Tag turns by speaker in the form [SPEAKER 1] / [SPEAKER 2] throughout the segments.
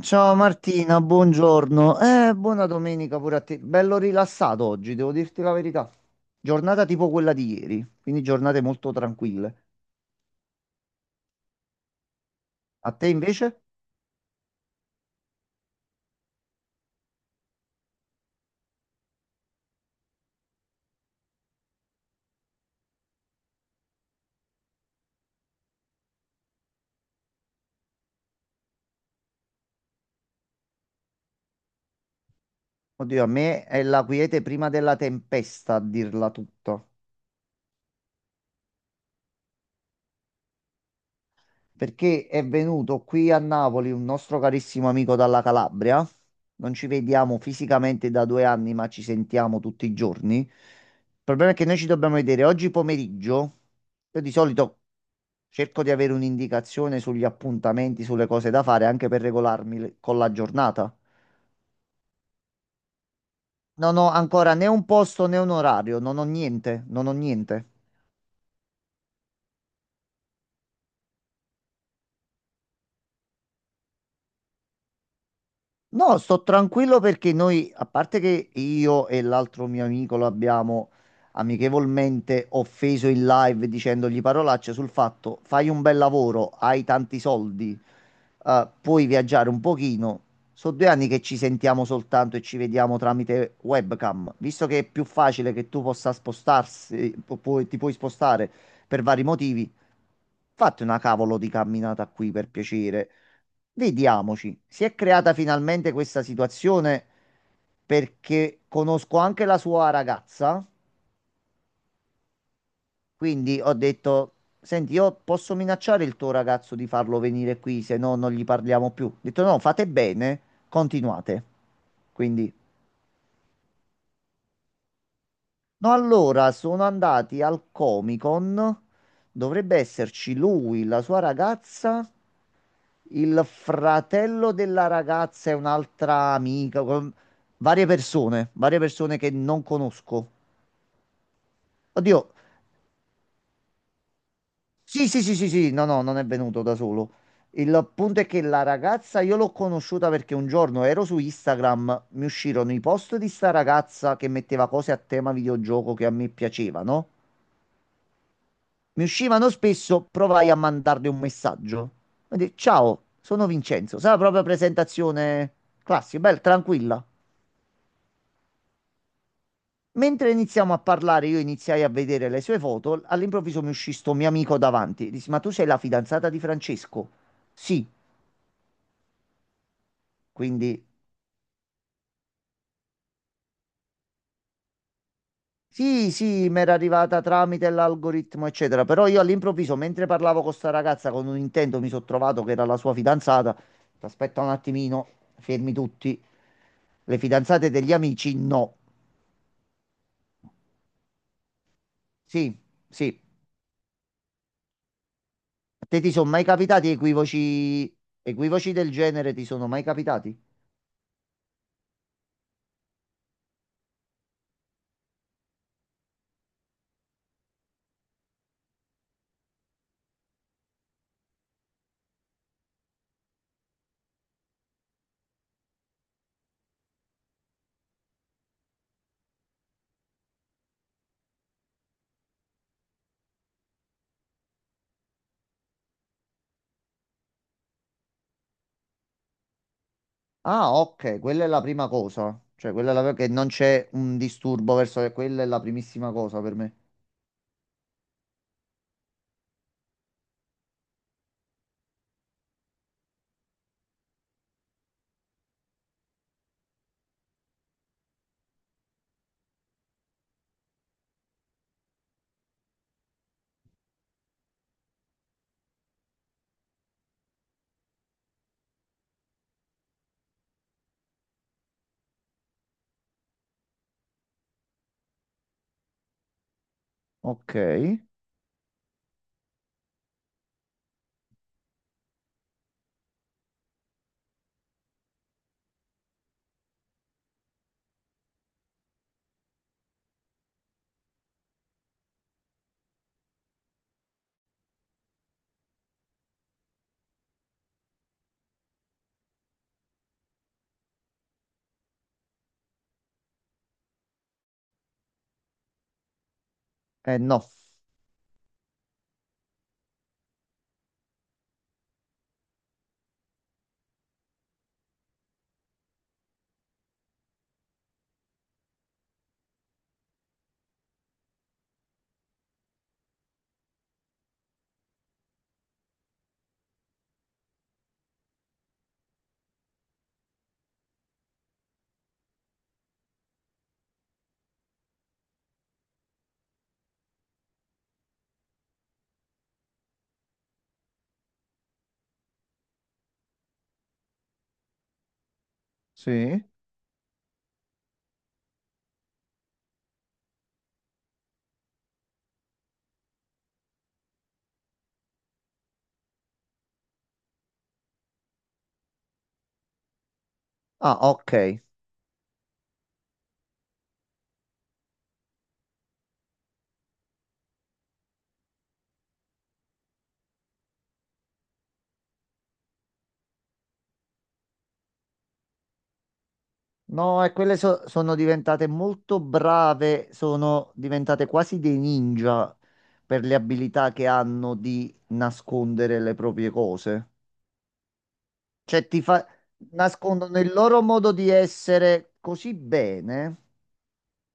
[SPEAKER 1] Ciao Martina, buongiorno. Buona domenica pure a te. Bello rilassato oggi, devo dirti la verità. Giornata tipo quella di ieri, quindi giornate molto tranquille. A te invece? Oddio, a me è la quiete prima della tempesta, a dirla tutta. Perché è venuto qui a Napoli un nostro carissimo amico dalla Calabria. Non ci vediamo fisicamente da 2 anni, ma ci sentiamo tutti i giorni. Il problema è che noi ci dobbiamo vedere oggi pomeriggio. Io di solito cerco di avere un'indicazione sugli appuntamenti, sulle cose da fare, anche per regolarmi con la giornata. Non ho ancora né un posto né un orario, non ho niente, non ho niente. No, sto tranquillo perché noi, a parte che io e l'altro mio amico lo abbiamo amichevolmente offeso in live dicendogli parolacce sul fatto, fai un bel lavoro, hai tanti soldi, puoi viaggiare un pochino. Sono 2 anni che ci sentiamo soltanto e ci vediamo tramite webcam. Visto che è più facile che tu possa spostarsi, ti puoi spostare per vari motivi, fatti una cavolo di camminata qui per piacere. Vediamoci, si è creata finalmente questa situazione perché conosco anche la sua ragazza, quindi ho detto, senti, io posso minacciare il tuo ragazzo di farlo venire qui, se no non gli parliamo più. Ho detto no, fate bene, continuate. Quindi, no, allora sono andati al Comic Con, dovrebbe esserci lui, la sua ragazza, il fratello della ragazza e un'altra amica, varie persone che non conosco. Oddio, sì, sì, sì, sì, sì, no, no, non è venuto da solo. Il punto è che la ragazza io l'ho conosciuta perché un giorno ero su Instagram, mi uscirono i post di sta ragazza che metteva cose a tema videogioco che a me piacevano. Mi uscivano spesso, provai a mandarle un messaggio. Mi disse: "Ciao, sono Vincenzo". Sai, la propria presentazione classica, bella, tranquilla. Mentre iniziamo a parlare, io iniziai a vedere le sue foto. All'improvviso mi uscì sto mio amico davanti. Dissi: "Ma tu sei la fidanzata di Francesco?" Sì, quindi sì, sì, mi era arrivata tramite l'algoritmo, eccetera. Però io all'improvviso, mentre parlavo con sta ragazza con un intento, mi sono trovato che era la sua fidanzata. Aspetta un attimino, fermi tutti. Le fidanzate degli amici? No. Sì, sì. A te ti sono mai capitati equivoci, equivoci del genere? Ti sono mai capitati? Ah, ok, quella è la prima cosa. Cioè, quella è la... che non c'è un disturbo verso... Quella è la primissima cosa per me. Ok. No. Sì. Ah, ok. No, e quelle sono diventate molto brave, sono diventate quasi dei ninja per le abilità che hanno di nascondere le proprie cose. Cioè, ti fa... nascondono il loro modo di essere così bene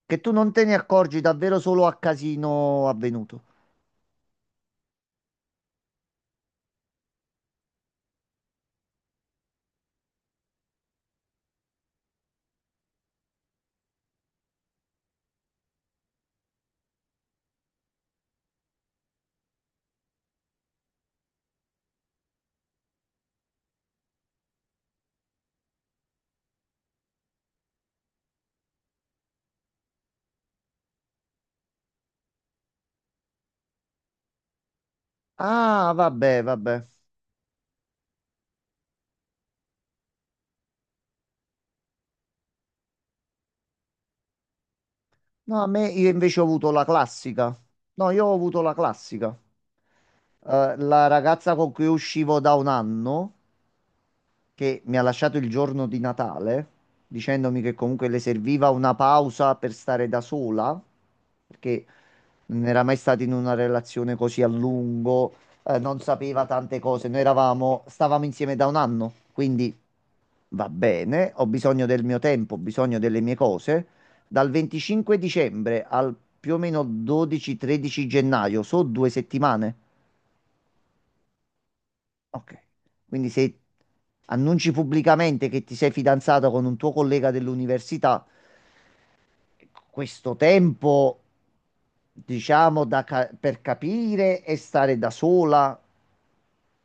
[SPEAKER 1] che tu non te ne accorgi davvero solo a casino avvenuto. Ah, vabbè, vabbè. No, a me, io invece ho avuto la classica. No, io ho avuto la classica. La ragazza con cui uscivo da un anno, che mi ha lasciato il giorno di Natale, dicendomi che comunque le serviva una pausa per stare da sola, perché non era mai stata in una relazione così a lungo, non sapeva tante cose. Noi eravamo, stavamo insieme da un anno, quindi va bene, ho bisogno del mio tempo, ho bisogno delle mie cose. Dal 25 dicembre al più o meno 12-13 gennaio, so 2 settimane. Ok. Quindi se annunci pubblicamente che ti sei fidanzato con un tuo collega dell'università, questo tempo, diciamo, da per capire e stare da sola,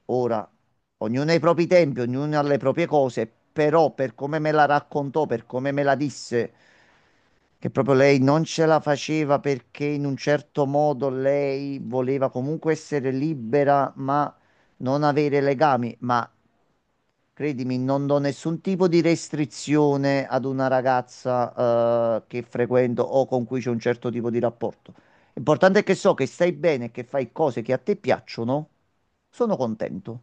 [SPEAKER 1] ora, ognuno ha i propri tempi, ognuno ha le proprie cose, però per come me la raccontò, per come me la disse, che proprio lei non ce la faceva perché in un certo modo lei voleva comunque essere libera, ma non avere legami, ma credimi, non do nessun tipo di restrizione ad una ragazza, che frequento o con cui c'è un certo tipo di rapporto. L'importante è che so che stai bene, che fai cose che a te piacciono. Sono contento.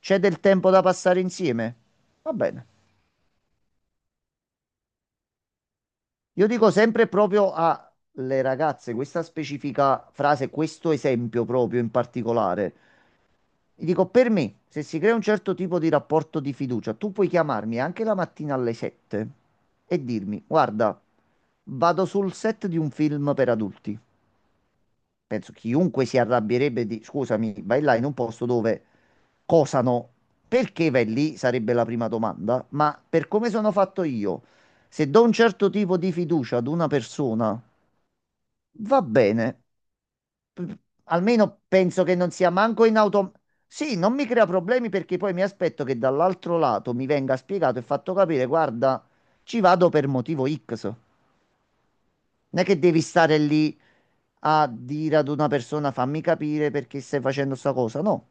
[SPEAKER 1] C'è del tempo da passare insieme? Va bene. Io dico sempre proprio alle ragazze questa specifica frase, questo esempio proprio in particolare. Gli dico, per me, se si crea un certo tipo di rapporto di fiducia, tu puoi chiamarmi anche la mattina alle 7 e dirmi: "Guarda, vado sul set di un film per adulti". Penso chiunque si arrabbierebbe di, scusami, vai là in un posto dove cosano. Perché vai lì? Sarebbe la prima domanda. Ma per come sono fatto io, se do un certo tipo di fiducia ad una persona, va bene, p- almeno penso che non sia manco in auto. Sì, non mi crea problemi perché poi mi aspetto che dall'altro lato mi venga spiegato e fatto capire: guarda, ci vado per motivo X. Non è che devi stare lì a dire ad una persona fammi capire perché stai facendo sta cosa, no.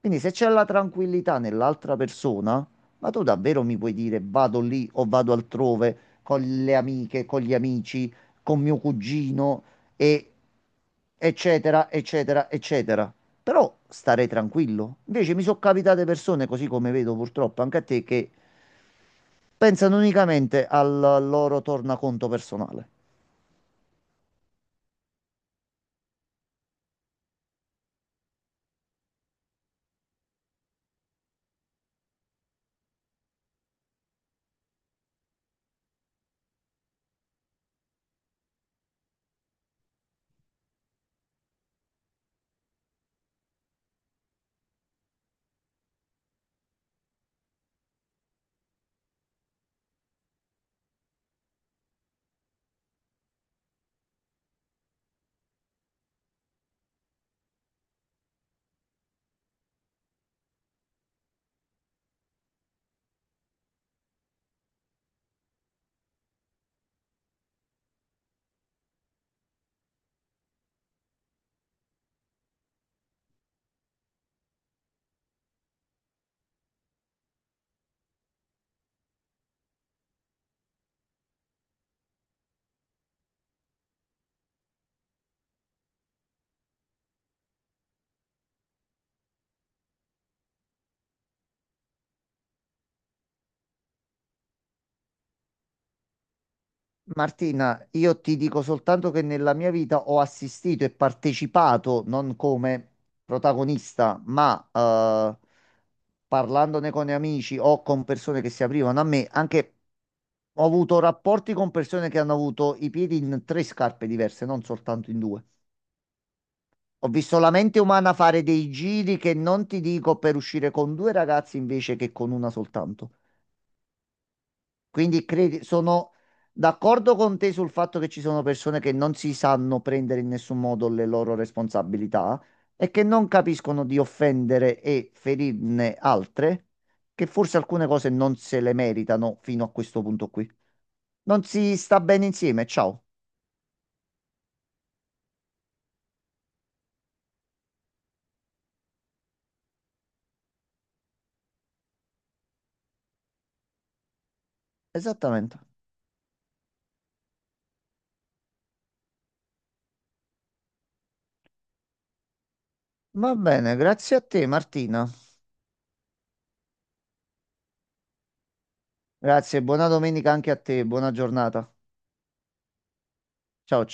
[SPEAKER 1] Quindi se c'è la tranquillità nell'altra persona, ma tu davvero mi puoi dire vado lì o vado altrove con le amiche, con gli amici, con mio cugino e eccetera, eccetera, eccetera. Però stare tranquillo. Invece mi sono capitate persone, così come vedo purtroppo anche a te, che pensano unicamente al loro tornaconto personale. Martina, io ti dico soltanto che nella mia vita ho assistito e partecipato, non come protagonista, ma parlandone con amici o con persone che si aprivano a me, anche ho avuto rapporti con persone che hanno avuto i piedi in tre scarpe diverse, non soltanto in due. Ho visto la mente umana fare dei giri che non ti dico per uscire con due ragazzi invece che con una soltanto. Quindi credi, sono d'accordo con te sul fatto che ci sono persone che non si sanno prendere in nessun modo le loro responsabilità e che non capiscono di offendere e ferirne altre, che forse alcune cose non se le meritano fino a questo punto qui. Non si sta bene insieme, ciao. Esattamente. Va bene, grazie a te Martina. Grazie, buona domenica anche a te, buona giornata. Ciao.